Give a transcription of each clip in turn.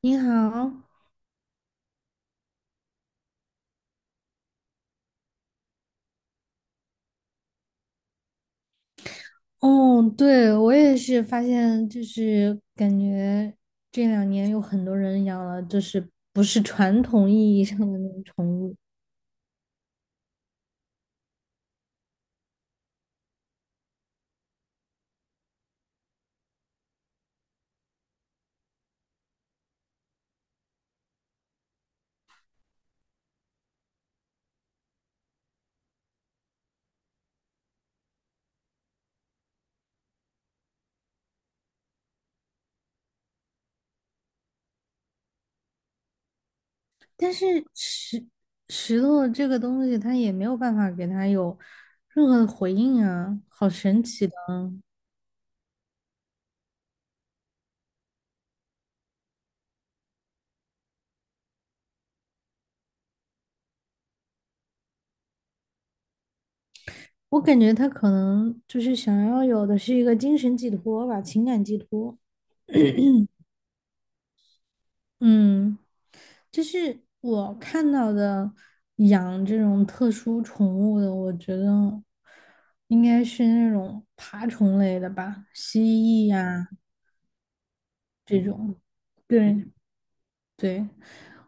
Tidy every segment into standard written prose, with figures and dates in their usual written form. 你好。哦，对，我也是发现，就是感觉这2年有很多人养了，就是不是传统意义上的那种宠物。但是石石头这个东西，它也没有办法给它有任何的回应啊，好神奇的啊。我感觉它可能就是想要有的是一个精神寄托吧，情感寄托。嗯，就是我看到的养这种特殊宠物的，我觉得应该是那种爬虫类的吧，蜥蜴呀、这种。对，对，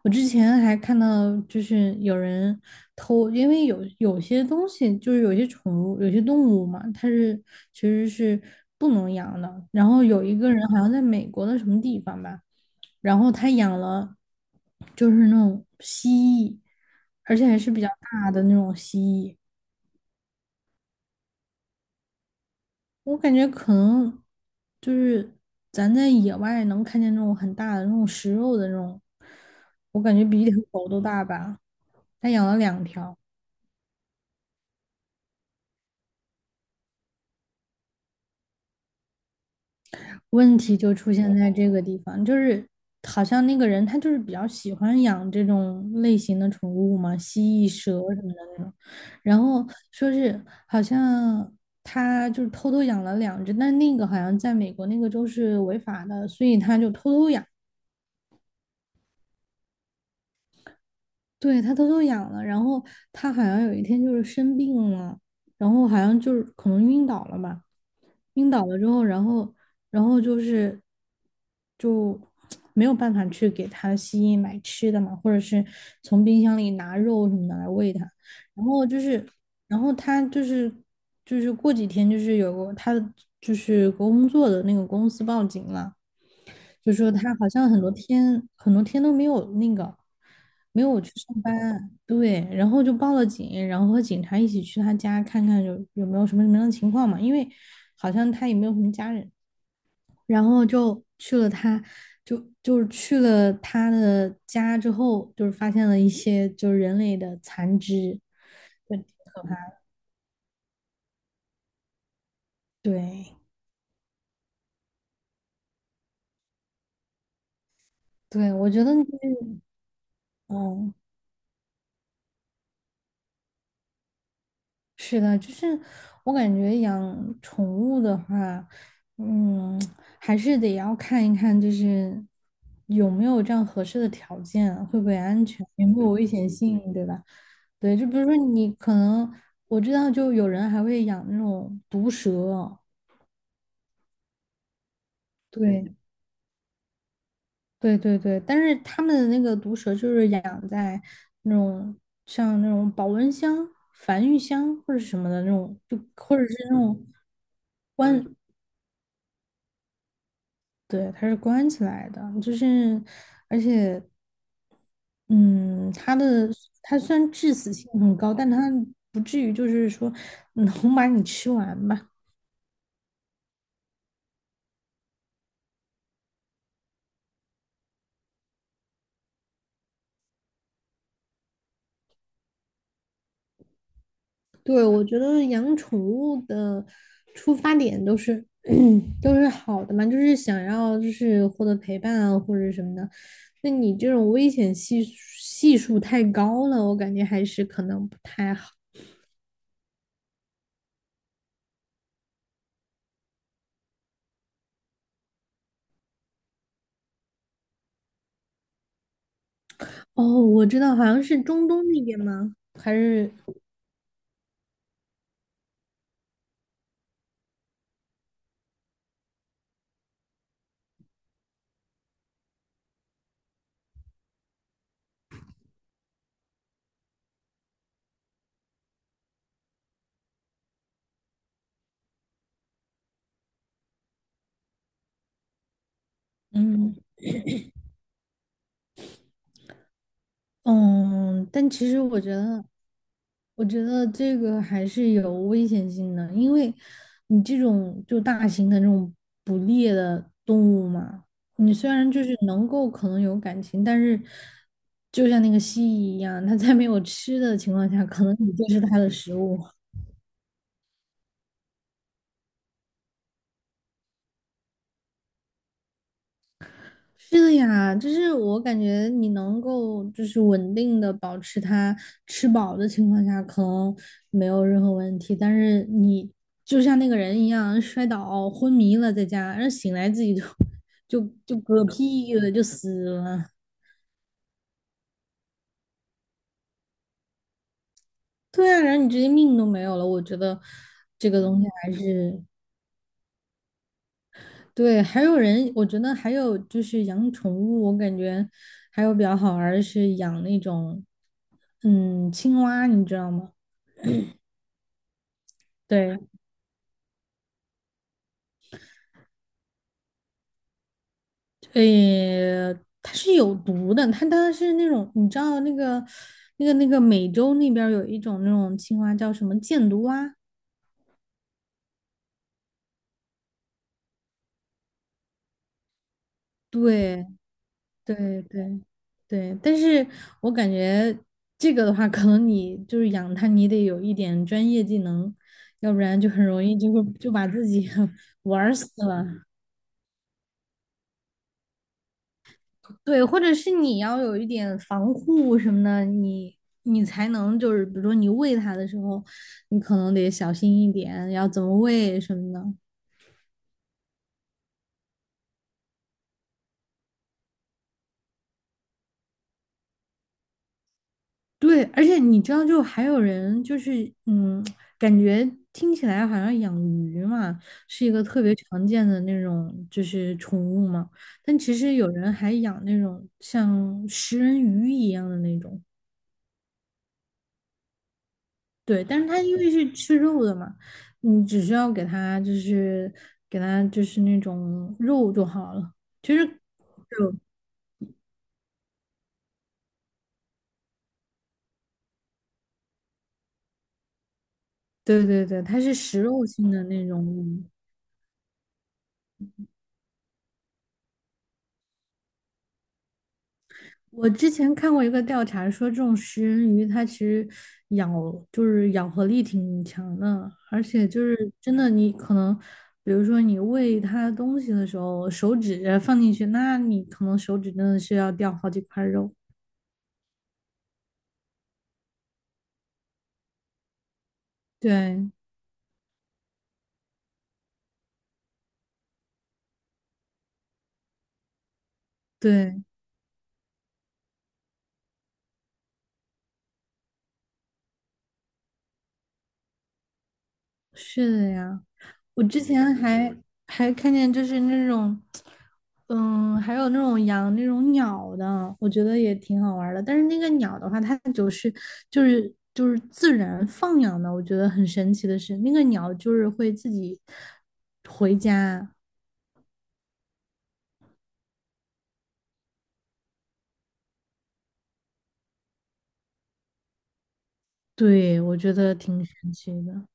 我之前还看到，就是有人偷，因为有些东西，就是有些宠物、有些动物嘛，其实是不能养的。然后有一个人好像在美国的什么地方吧，然后他养了就是那种蜥蜴，而且还是比较大的那种蜥蜴。我感觉可能就是咱在野外能看见那种很大的那种食肉的那种，我感觉比一条狗都大吧。他养了2条。问题就出现在这个地方，就是好像那个人他就是比较喜欢养这种类型的宠物嘛，蜥蜴、蛇什么的那种。然后说是好像他就是偷偷养了2只，但那个好像在美国那个州是违法的，所以他就偷偷养。对，他偷偷养了，然后他好像有一天就是生病了，然后好像就是可能晕倒了吧。晕倒了之后，然后就是就 没有办法去给它吸引买吃的嘛，或者是从冰箱里拿肉什么的来喂它。然后就是然后他就是过几天就是有个他的就是工作的那个公司报警了，就说他好像很多天很多天都没有去上班。对，然后就报了警，然后和警察一起去他家看看有没有什么样的情况嘛，因为好像他也没有什么家人，然后就去了他。就是去了他的家之后，就是发现了一些就是人类的残肢。对，挺可怕。对对，我觉得就是，嗯，是的，就是我感觉养宠物的话，嗯，还是得要看一看，就是有没有这样合适的条件啊，会不会安全，有没有危险性，对吧？对，就比如说你可能我知道，就有人还会养那种毒蛇哦。对，对对对，但是他们的那个毒蛇就是养在那种像那种保温箱、繁育箱或者什么的那种，就或者是那种关对，它是关起来的，就是，而且，嗯，它虽然致死性很高，但它不至于就是说能把你吃完吧。对，我觉得养宠物的出发点都是 都是好的嘛，就是想要就是获得陪伴啊或者什么的。那你这种危险系数太高了，我感觉还是可能不太好。哦，我知道，好像是中东那边吗？还是？嗯？嗯，但其实我觉得，这个还是有危险性的，因为你这种就大型的这种捕猎的动物嘛，你虽然就是能够可能有感情，但是就像那个蜥蜴一样，它在没有吃的情况下，可能你就是它的食物。是的呀，就是我感觉你能够就是稳定的保持它吃饱的情况下，可能没有任何问题。但是你就像那个人一样摔倒昏迷了，在家，然后醒来自己就 就就嗝屁了，就死了。对啊，然后你直接命都没有了。我觉得这个东西还是。对。还有人，我觉得还有就是养宠物，我感觉还有比较好玩儿的是养那种青蛙，你知道吗？对，呃，它是有毒的，它是那种，你知道那个美洲那边儿有一种那种青蛙叫什么箭毒蛙。对对对对，但是我感觉这个的话，可能你就是养它，你得有一点专业技能，要不然就很容易就会就把自己 玩儿死了。对，或者是你要有一点防护什么的，你才能就是，比如说你喂它的时候，你可能得小心一点，要怎么喂什么的。对，而且你知道，就还有人就是，嗯，感觉听起来好像养鱼嘛，是一个特别常见的那种就是宠物嘛，但其实有人还养那种像食人鱼一样的那种。对，但是它因为是吃肉的嘛，你只需要给它就是那种肉就好了。其实肉，对对对，它是食肉性的那种鱼。我之前看过一个调查说，这种食人鱼它其实咬就是咬合力挺强的，而且就是真的你可能，比如说你喂它东西的时候，手指放进去，那你可能手指真的是要掉好几块肉。对对，是的呀。我之前还看见就是那种，嗯，还有那种养那种鸟的，我觉得也挺好玩儿的。但是那个鸟的话，它就是自然放养的，我觉得很神奇的是，那个鸟就是会自己回家。对，我觉得挺神奇的。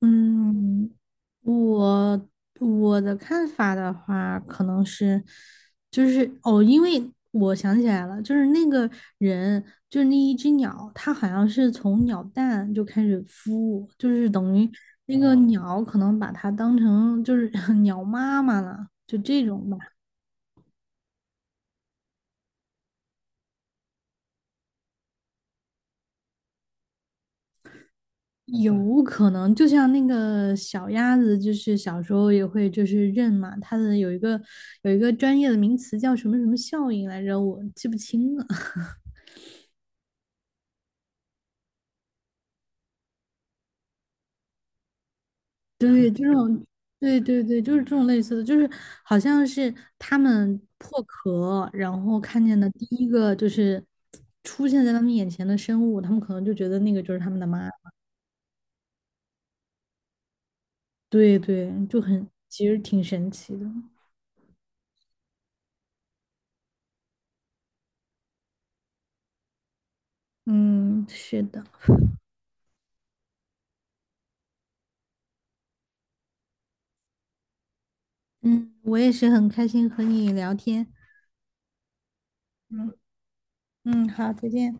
嗯，我我的看法的话，可能是，就是哦，因为我想起来了，就是那个人，就是那一只鸟，它好像是从鸟蛋就开始孵，就是等于那个鸟可能把它当成就是 鸟妈妈了，就这种。有可能，就像那个小鸭子，就是小时候也会就是认嘛，它的有一个专业的名词叫什么什么效应来着，我记不清了。对，就这种，对对对，就是这种类似的，就是好像是它们破壳，然后看见的第一个就是出现在他们眼前的生物，他们可能就觉得那个就是他们的妈。对对，就很，其实挺神奇的。嗯，是的，嗯，我也是很开心和你聊天。嗯。嗯，好，再见。